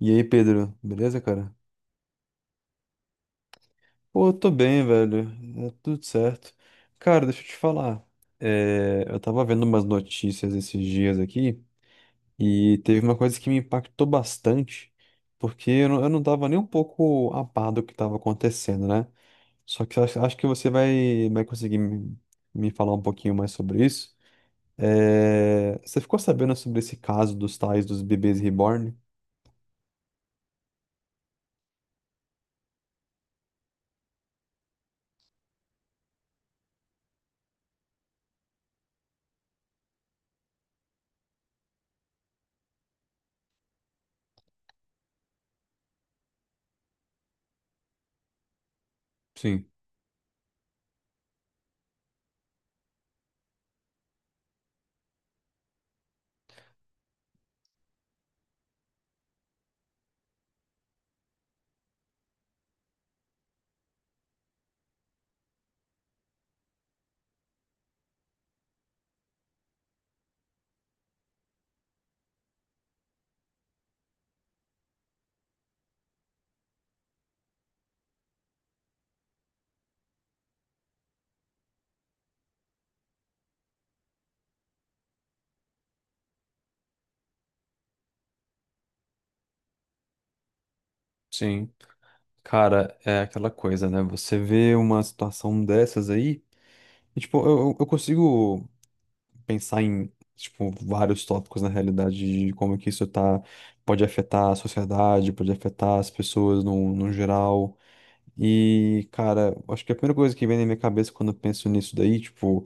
E aí, Pedro, beleza, cara? Pô, eu tô bem, velho. É tudo certo. Cara, deixa eu te falar. Eu tava vendo umas notícias esses dias aqui e teve uma coisa que me impactou bastante, porque eu não tava nem um pouco a par do que tava acontecendo, né? Só que acho que vai conseguir me falar um pouquinho mais sobre isso. É, você ficou sabendo sobre esse caso dos tais dos bebês reborn? Sim, sim. Cara, é aquela coisa, né? Você vê uma situação dessas aí, e, tipo, eu consigo pensar em, tipo, vários tópicos na realidade de como que pode afetar a sociedade, pode afetar as pessoas no, no geral. E, cara, acho que a primeira coisa que vem na minha cabeça quando eu penso nisso daí, tipo,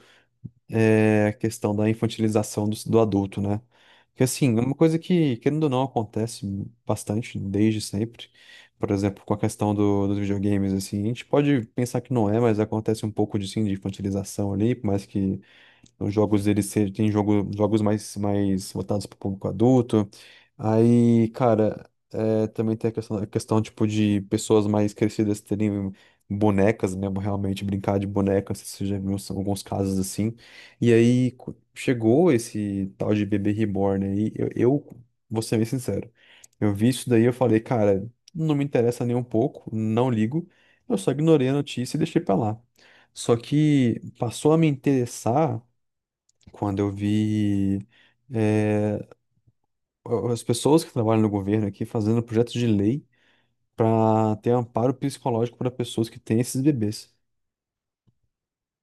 é a questão da infantilização do adulto, né? Que assim, é uma coisa que, querendo ou não, acontece bastante desde sempre. Por exemplo, com a questão dos videogames, assim, a gente pode pensar que não é, mas acontece um pouco de, sim, de infantilização ali, por mais que os jogos, eles se- tem jogos mais, mais voltados para o público adulto. Aí, cara, é, também tem a questão, tipo, de pessoas mais crescidas terem bonecas, né? Realmente brincar de bonecas, você já viu são alguns casos assim. E aí chegou esse tal de bebê reborn aí. Eu vou ser bem sincero. Eu vi isso daí, eu falei, cara, não me interessa nem um pouco, não ligo. Eu só ignorei a notícia e deixei pra lá. Só que passou a me interessar quando eu vi eh, as pessoas que trabalham no governo aqui fazendo projetos de lei para ter amparo psicológico para pessoas que têm esses bebês.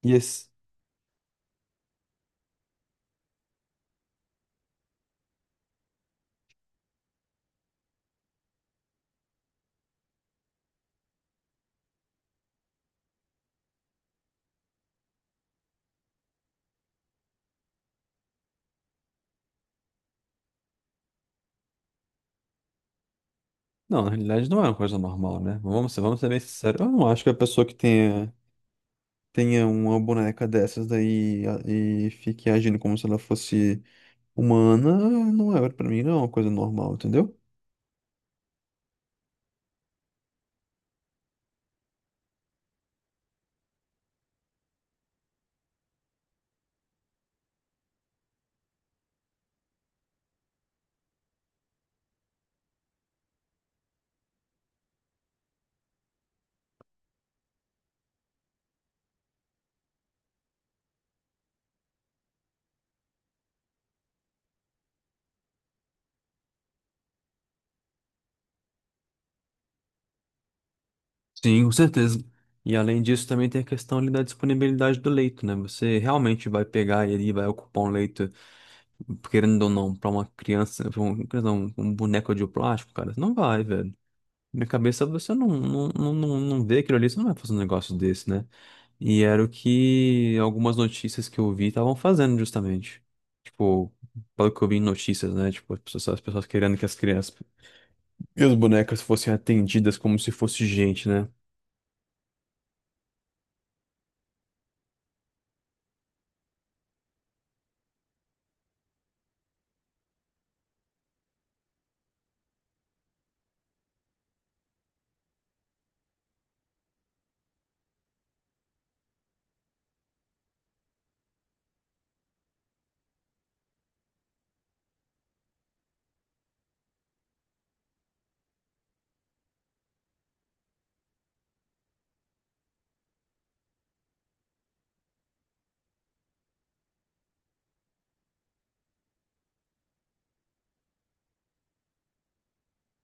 E esse, não, na realidade não é uma coisa normal, né? Vamos ser bem sinceros. Eu não acho que a pessoa tenha uma boneca dessas daí e fique agindo como se ela fosse humana, não é para mim, não é uma coisa normal, entendeu? Sim, com certeza. E além disso, também tem a questão ali da disponibilidade do leito, né? Você realmente vai pegar ele e vai ocupar um leito, querendo ou não, pra uma criança, pra um, criança não, um boneco de plástico, cara? Não vai, velho. Na minha cabeça, você não vê aquilo ali, você não vai fazer um negócio desse, né? E era o que algumas notícias que eu vi estavam fazendo, justamente. Tipo, pelo que eu vi em notícias, né? Tipo, as pessoas querendo que as crianças e as bonecas fossem atendidas como se fosse gente, né?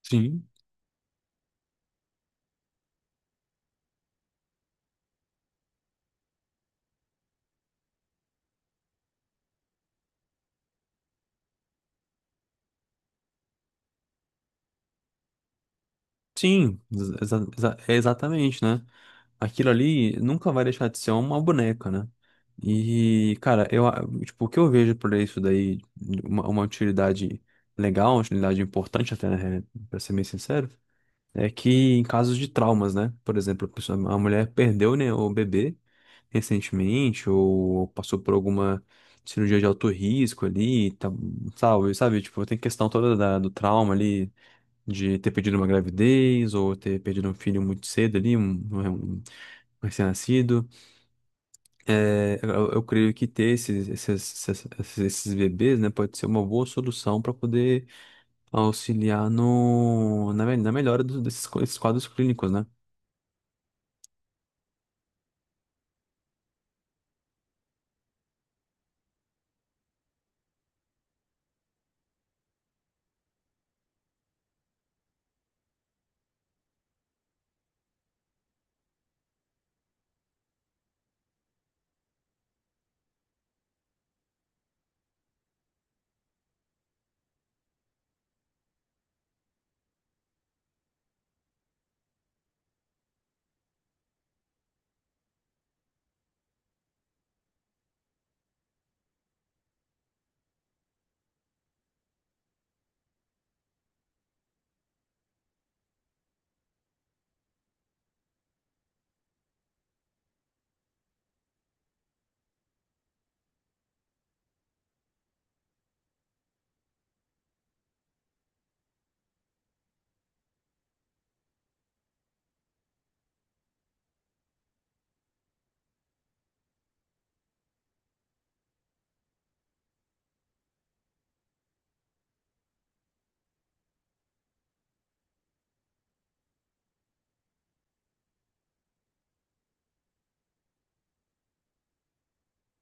Sim. Sim, é exatamente, né? Aquilo ali nunca vai deixar de ser uma boneca, né? E, cara, tipo, o que eu vejo por isso daí, uma utilidade legal, uma utilidade importante até, né, pra ser bem sincero, é que em casos de traumas, né? Por exemplo, a mulher perdeu, né, o bebê recentemente, ou passou por alguma cirurgia de alto risco ali, tá, sabe? Tipo, tem questão toda do trauma ali de ter perdido uma gravidez ou ter perdido um filho muito cedo ali, um recém-nascido. É, eu creio que ter esses bebês, né, pode ser uma boa solução para poder auxiliar no, na, me- na melhora desses quadros clínicos, né?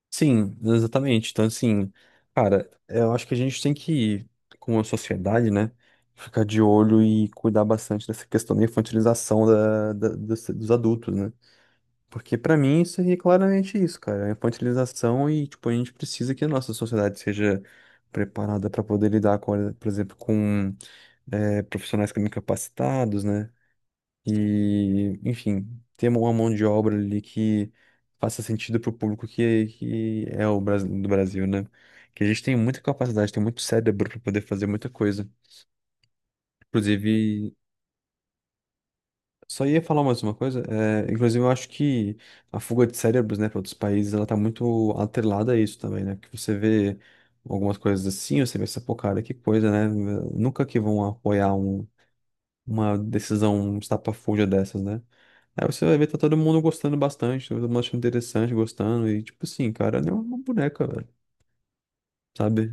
Sim, exatamente. Então, assim, cara, eu acho que a gente tem que, como a sociedade, né, ficar de olho e cuidar bastante dessa questão da infantilização dos adultos, né? Porque pra mim isso aí é claramente isso, cara. É infantilização e, tipo, a gente precisa que a nossa sociedade seja preparada pra poder lidar com, por exemplo, com profissionais que incapacitados, né? E, enfim, ter uma mão de obra ali que faça sentido pro público que é do Brasil, né? Que a gente tem muita capacidade, tem muito cérebro pra poder fazer muita coisa. Inclusive, Só ia falar mais uma coisa. É, inclusive, eu acho que a fuga de cérebros, né, para outros países, ela tá muito atrelada a isso também, né? Que você vê algumas coisas assim, você pensa, pô, cara, que coisa, né? Nunca que vão apoiar uma decisão um estapafúrdia dessas, né? Aí você vai ver, tá todo mundo gostando bastante, todo mundo achando interessante, gostando, e tipo assim, cara, é uma boneca, velho, sabe?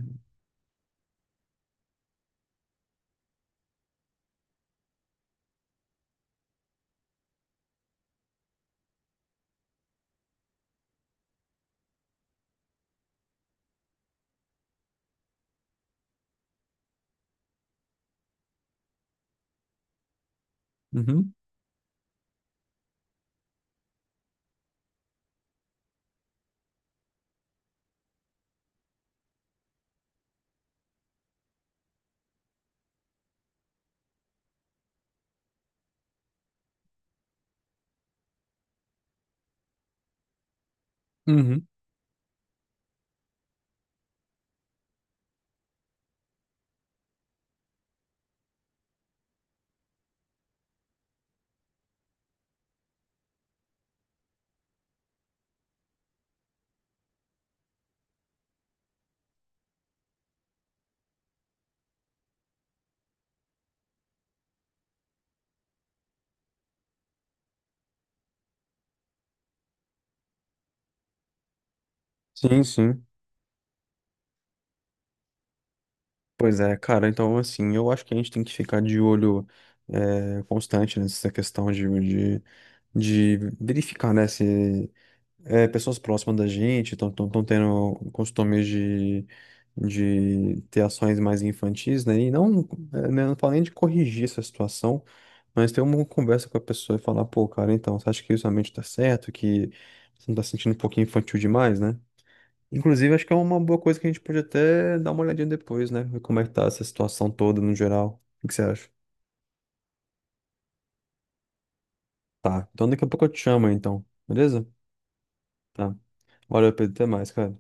Uhum. Uhum. Sim, sim. Pois é, cara, então assim, eu acho que a gente tem que ficar de olho constante nessa questão de verificar, né, se pessoas próximas da gente estão tendo costumes de ter ações mais infantis, né, e não, né, não falo nem de corrigir essa situação, mas ter uma conversa com a pessoa e falar, pô, cara, então, você acha que isso realmente tá certo, que você não tá se sentindo um pouquinho infantil demais, né? Inclusive, acho que é uma boa coisa que a gente pode até dar uma olhadinha depois, né? Ver como é que tá essa situação toda no geral. O que que você acha? Tá, então daqui a pouco eu te chamo, então. Beleza? Tá. Valeu, Pedro. Até mais, cara.